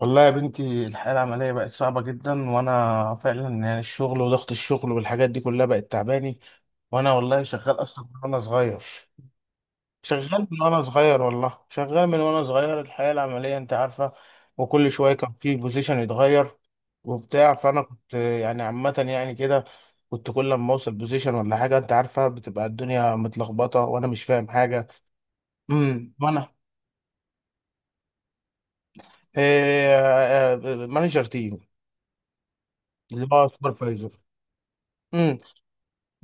والله يا بنتي الحياة العملية بقت صعبة جدا وأنا فعلا يعني الشغل وضغط الشغل والحاجات دي كلها بقت تعباني. وأنا والله شغال أصلا من وأنا صغير. والله شغال من وأنا صغير، الحياة العملية أنت عارفة. وكل شوية كان في بوزيشن يتغير وبتاع، فأنا كنت يعني عامة يعني كده. كنت كل لما أوصل بوزيشن ولا حاجة أنت عارفة بتبقى الدنيا متلخبطة وأنا مش فاهم حاجة. وأنا... إيه؟ مانجر تيم، اللي هو سوبرفايزر.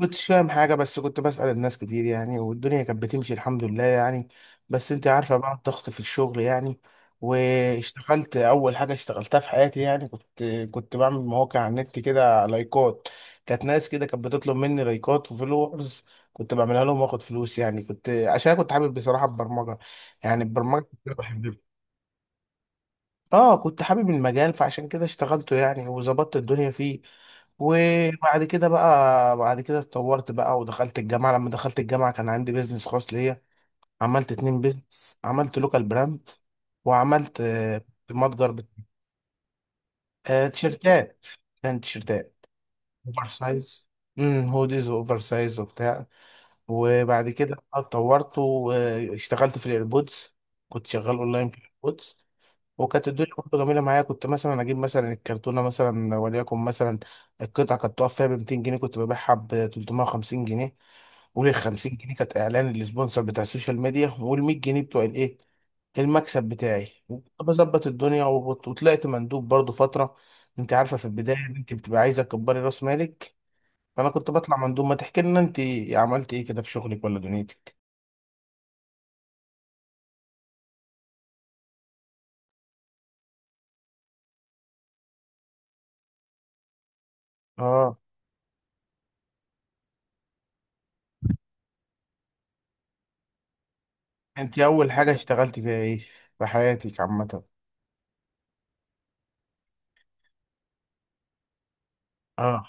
كنتش فاهم حاجة بس كنت بسأل الناس كتير يعني، والدنيا كانت بتمشي الحمد لله يعني. بس انت عارفة بقى الضغط في الشغل يعني. واشتغلت أول حاجة اشتغلتها في حياتي، يعني كنت بعمل مواقع على النت كده، لايكات. كانت ناس كده كانت بتطلب مني لايكات وفولورز، كنت بعملها لهم واخد فلوس، يعني كنت عشان كنت حابب بصراحة البرمجة، يعني البرمجة كنت بحبها. اه كنت حابب المجال فعشان كده اشتغلته يعني وظبطت الدنيا فيه. وبعد كده بقى بعد كده اتطورت بقى ودخلت الجامعة. لما دخلت الجامعة كان عندي بيزنس خاص ليا. عملت اتنين بيزنس، عملت لوكال براند، وعملت متجر تيشيرتات. كان تيشيرتات اوفر سايز، هوديز واوفر سايز وبتاع. وبعد كده اتطورت واشتغلت في الايربودز، كنت شغال اونلاين في الايربودز. وكانت الدنيا برضه جميله معايا، كنت مثلا اجيب مثلا الكرتونه مثلا وليكن مثلا القطعه كانت تقف فيها ب 200 جنيه، كنت ببيعها ب 350 جنيه. وال 50 جنيه كانت اعلان للسبونسر بتاع السوشيال ميديا، وال 100 جنيه بتوع الايه، المكسب بتاعي. وكنت بظبط الدنيا وطلعت مندوب برضه فتره. انت عارفه في البدايه إن انت بتبقى عايزه تكبري راس مالك، فانا كنت بطلع مندوب. ما تحكي لنا انت عملت ايه كده في شغلك ولا دنيتك. اه انت اول حاجه اشتغلتي فيها ايه في حياتك عامه؟ اه.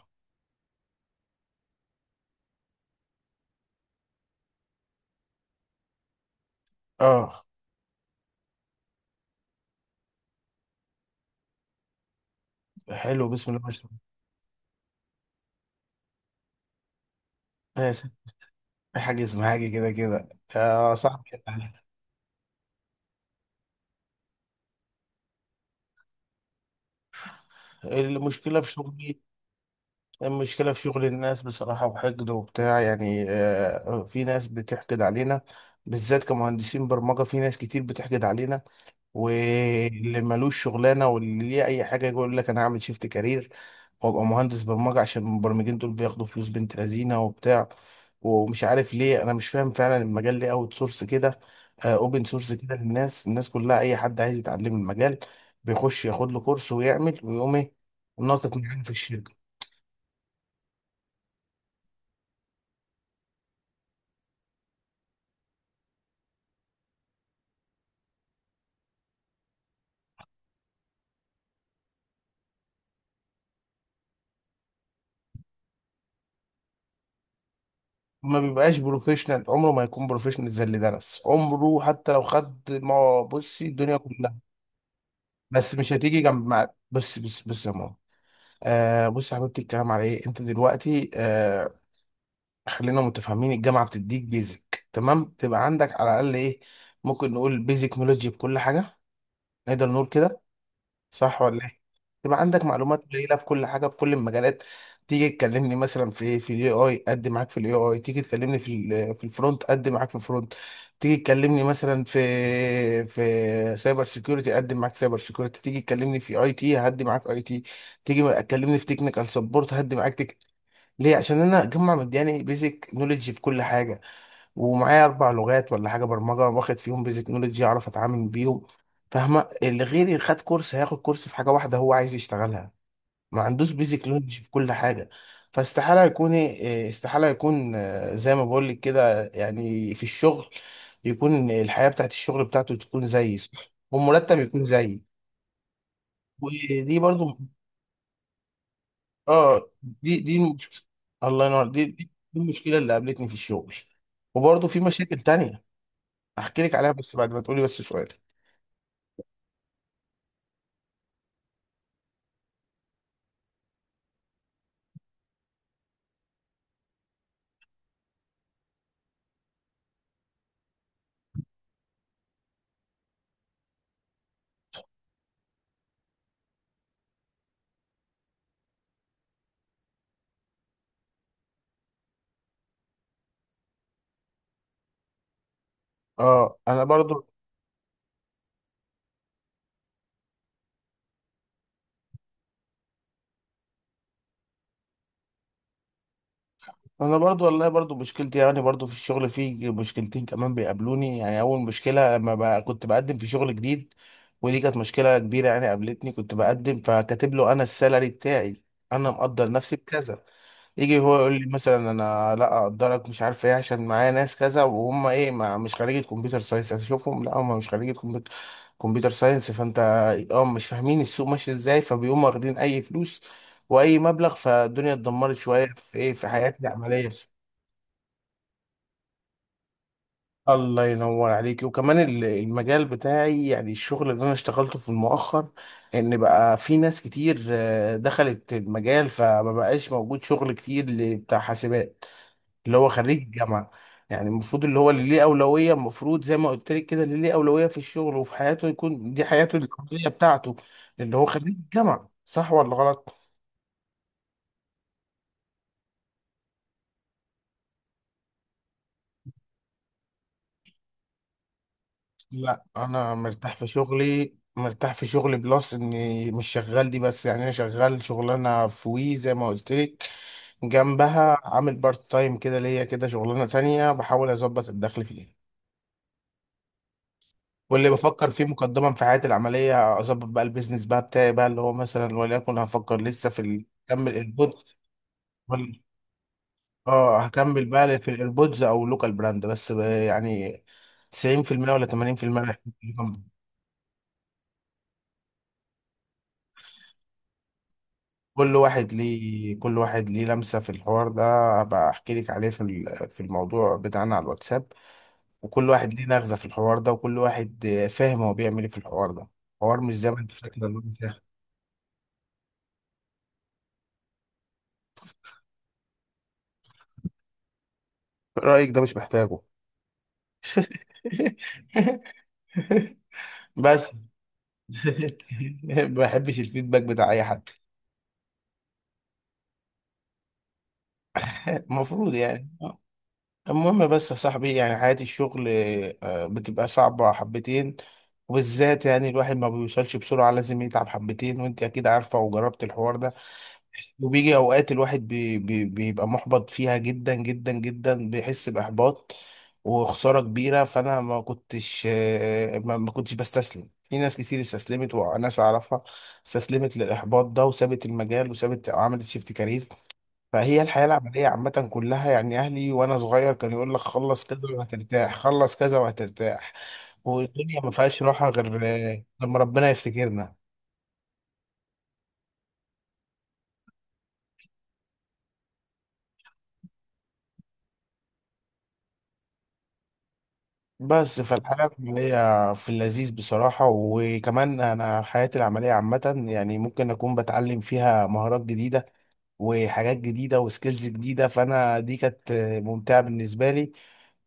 اه حلو، بسم الله ما شاء الله. ماشي. في حاجة اسمها حاجة كده كده يا صاحبي. المشكلة في شغلي، المشكلة في شغل الناس بصراحة، وحقد وبتاع يعني، في ناس بتحقد علينا. بالذات كمهندسين برمجة في ناس كتير بتحقد علينا، واللي ملوش شغلانه واللي ليه اي حاجه يقول لك انا هعمل شيفت كارير وابقى مهندس برمجه عشان المبرمجين دول بياخدوا فلوس بنت لذينه وبتاع. ومش عارف ليه، انا مش فاهم فعلا المجال ليه اوت سورس كده، اوبن سورس كده للناس. الناس كلها اي حد عايز يتعلم المجال بيخش ياخد له كورس ويعمل ويقوم ايه، ناطط معانا في الشركه. ما بيبقاش بروفيشنال، عمره ما يكون بروفيشنال زي اللي درس، عمره حتى لو خد ما بصي الدنيا كلها. بس مش هتيجي جنب مع... بص بص بص يا ماما، آه بص يا حبيبتي. الكلام على ايه انت دلوقتي؟ آه، خلينا متفاهمين. الجامعه بتديك بيزك، تمام؟ تبقى عندك على الاقل ايه، ممكن نقول بيزك نولوجي بكل حاجه. نقدر نقول كده، صح ولا ايه؟ يبقى عندك معلومات قليله في كل حاجه، في كل المجالات. تيجي تكلمني مثلا في في الاي اي، قد معاك في الاي اي. تيجي تكلمني في في الفرونت، قد معاك في الفرونت. تيجي تكلمني مثلا في سايبر سيكيورتي، قد معاك سايبر سيكيورتي. تيجي تكلمني في اي تي، هدي معاك اي تي. تيجي تكلمني في تكنيكال سبورت، هدي معاك ليه؟ عشان انا اجمع مدياني بيزك نوليدج في كل حاجه. ومعايا اربع لغات ولا حاجه برمجه واخد فيهم بيزك نولج، اعرف اتعامل بيهم. فاهمه؟ اللي غيري خد كورس، هياخد كورس في حاجه واحده هو عايز يشتغلها، ما عندوش بيزك نولج في كل حاجه. فاستحاله يكون استحاله يكون زي ما بقول لك كده يعني في الشغل، يكون الحياه بتاعت الشغل بتاعته تكون زيي، صح؟ والمرتب يكون زيي. ودي برضو، اه، دي دي الله ينور، دي المشكله اللي قابلتني في الشغل. وبرضه في مشاكل تانية احكي لك عليها، بس بعد ما تقولي. بس سؤال. اه انا برضو. انا برضو والله برضو مشكلتي يعني، برضو في الشغل في مشكلتين كمان بيقابلوني. يعني اول مشكله لما بقى كنت بقدم في شغل جديد، ودي كانت مشكله كبيره يعني قابلتني. كنت بقدم فكاتب له انا السالري بتاعي، انا مقدر نفسي بكذا. يجي هو يقول لي مثلا انا لا اقدرك، مش عارف ايه، عشان معايا ناس كذا وهم ايه، ما مش خريجة كمبيوتر ساينس. اشوفهم لا هم مش خريجة كمبيوتر ساينس. فانت اه مش فاهمين السوق ماشي ازاي، فبيقوموا واخدين اي فلوس واي مبلغ، فالدنيا اتدمرت شويه في ايه، في حياتي العمليه بس. الله ينور عليك. وكمان المجال بتاعي، يعني الشغل اللي انا اشتغلته في المؤخر، ان بقى في ناس كتير دخلت المجال فما بقاش موجود شغل كتير بتاع حاسبات، اللي هو خريج الجامعه. يعني المفروض اللي هو اللي ليه اولويه، المفروض زي ما قلت لك كده، اللي ليه اولويه في الشغل وفي حياته يكون دي حياته العمليه بتاعته، اللي هو خريج الجامعه. صح ولا غلط؟ لا انا مرتاح في شغلي. مرتاح في شغلي، بلس اني مش شغال دي بس، يعني انا شغال شغلانه في وي زي ما قلت لك، جنبها عامل بارت تايم كده ليا كده شغلانه تانية بحاول اظبط الدخل فيها. واللي بفكر فيه مقدما في حياتي العمليه، اظبط بقى البيزنس بقى بتاعي بقى، اللي هو مثلا وليكن هفكر لسه في اكمل الايربودز. وال- اه هكمل بقى في الايربودز او لوكال براند، بس يعني 90% ولا 80% رايح. كل واحد ليه، كل واحد ليه لمسة في الحوار ده. هبقى احكي لك عليه في في الموضوع بتاعنا على الواتساب. وكل واحد ليه نغزة في الحوار ده، وكل واحد فاهم هو بيعمل ايه في الحوار ده. حوار مش زي ما انت فاكر إن هو بتاع. رأيك ده مش محتاجه. بس. ما بحبش الفيدباك بتاع اي حد. المفروض يعني. المهم بس يا صاحبي يعني حياة الشغل بتبقى صعبة حبتين، وبالذات يعني الواحد ما بيوصلش بسرعة، لازم يتعب حبتين، وانت اكيد عارفة وجربت الحوار ده. وبيجي اوقات الواحد بي بي بيبقى محبط فيها جدا جدا جدا، بيحس بإحباط وخسارة كبيرة. فانا ما كنتش ما ما كنتش بستسلم. في ناس كتير استسلمت، وناس اعرفها استسلمت للإحباط ده، وسابت المجال وسابت، عملت شيفت كارير. فهي الحياة العملية عامة كلها يعني، أهلي وأنا صغير كان يقول لك خلص كذا وهترتاح، خلص كذا وهترتاح، والدنيا ما فيهاش راحة غير لما ربنا يفتكرنا. بس فالحياة العملية في اللذيذ بصراحة. وكمان أنا حياتي العملية عامة يعني ممكن أكون بتعلم فيها مهارات جديدة وحاجات جديدة وسكيلز جديدة، فأنا دي كانت ممتعة بالنسبة لي.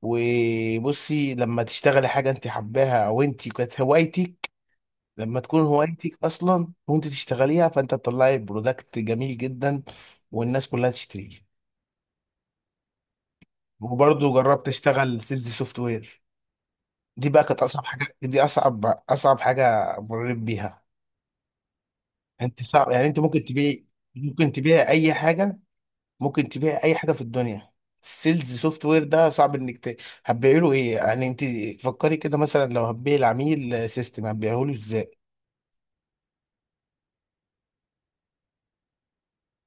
وبصي لما تشتغلي حاجة انت حباها او انت كانت هوايتك، لما تكون هوايتك اصلا وانت تشتغليها، فانت تطلعي برودكت جميل جدا والناس كلها تشتريه. وبرضه جربت اشتغل سيلز سوفت وير، دي بقى كانت اصعب حاجه، دي اصعب، اصعب حاجه مريت بيها. انت صعب يعني، انت ممكن تبيعي، ممكن تبيعي اي حاجه، ممكن تبيعي اي حاجه في الدنيا. السيلز سوفت وير ده صعب انك هتبيعي له ايه يعني انت؟ فكري كده، مثلا لو هتبيعي العميل سيستم، هتبيعه له.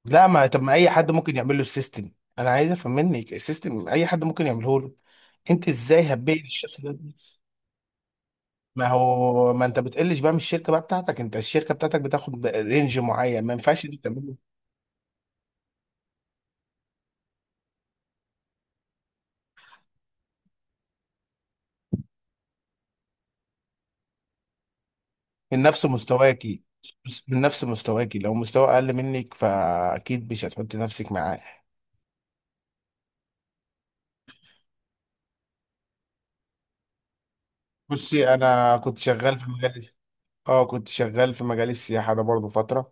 لا، ما طب ما اي حد ممكن يعمل له السيستم، انا عايز افهم منك السيستم اي حد ممكن يعمله له. انت ازاي هتبيع الشخص ده الفلوس؟ ما هو ما انت بتقلش بقى من الشركه بقى بتاعتك، انت الشركه بتاعتك بتاخد رينج معين، ما ينفعش انت تعمله من نفس مستواكي. من نفس مستواكي، لو مستوى اقل منك فاكيد مش هتحط نفسك معاه. بصي انا كنت شغال في المجال، اه كنت شغال في مجال السياحة ده برضو فترة.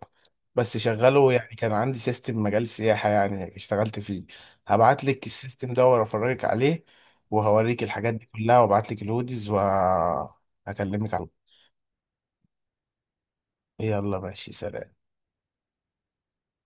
بس شغاله يعني، كان عندي سيستم مجال سياحة يعني اشتغلت فيه. هبعت لك السيستم ده وافرجك عليه، وهوريك الحاجات دي كلها، وابعت لك الهوديز، وهكلمك على... يلا ماشي، سلام.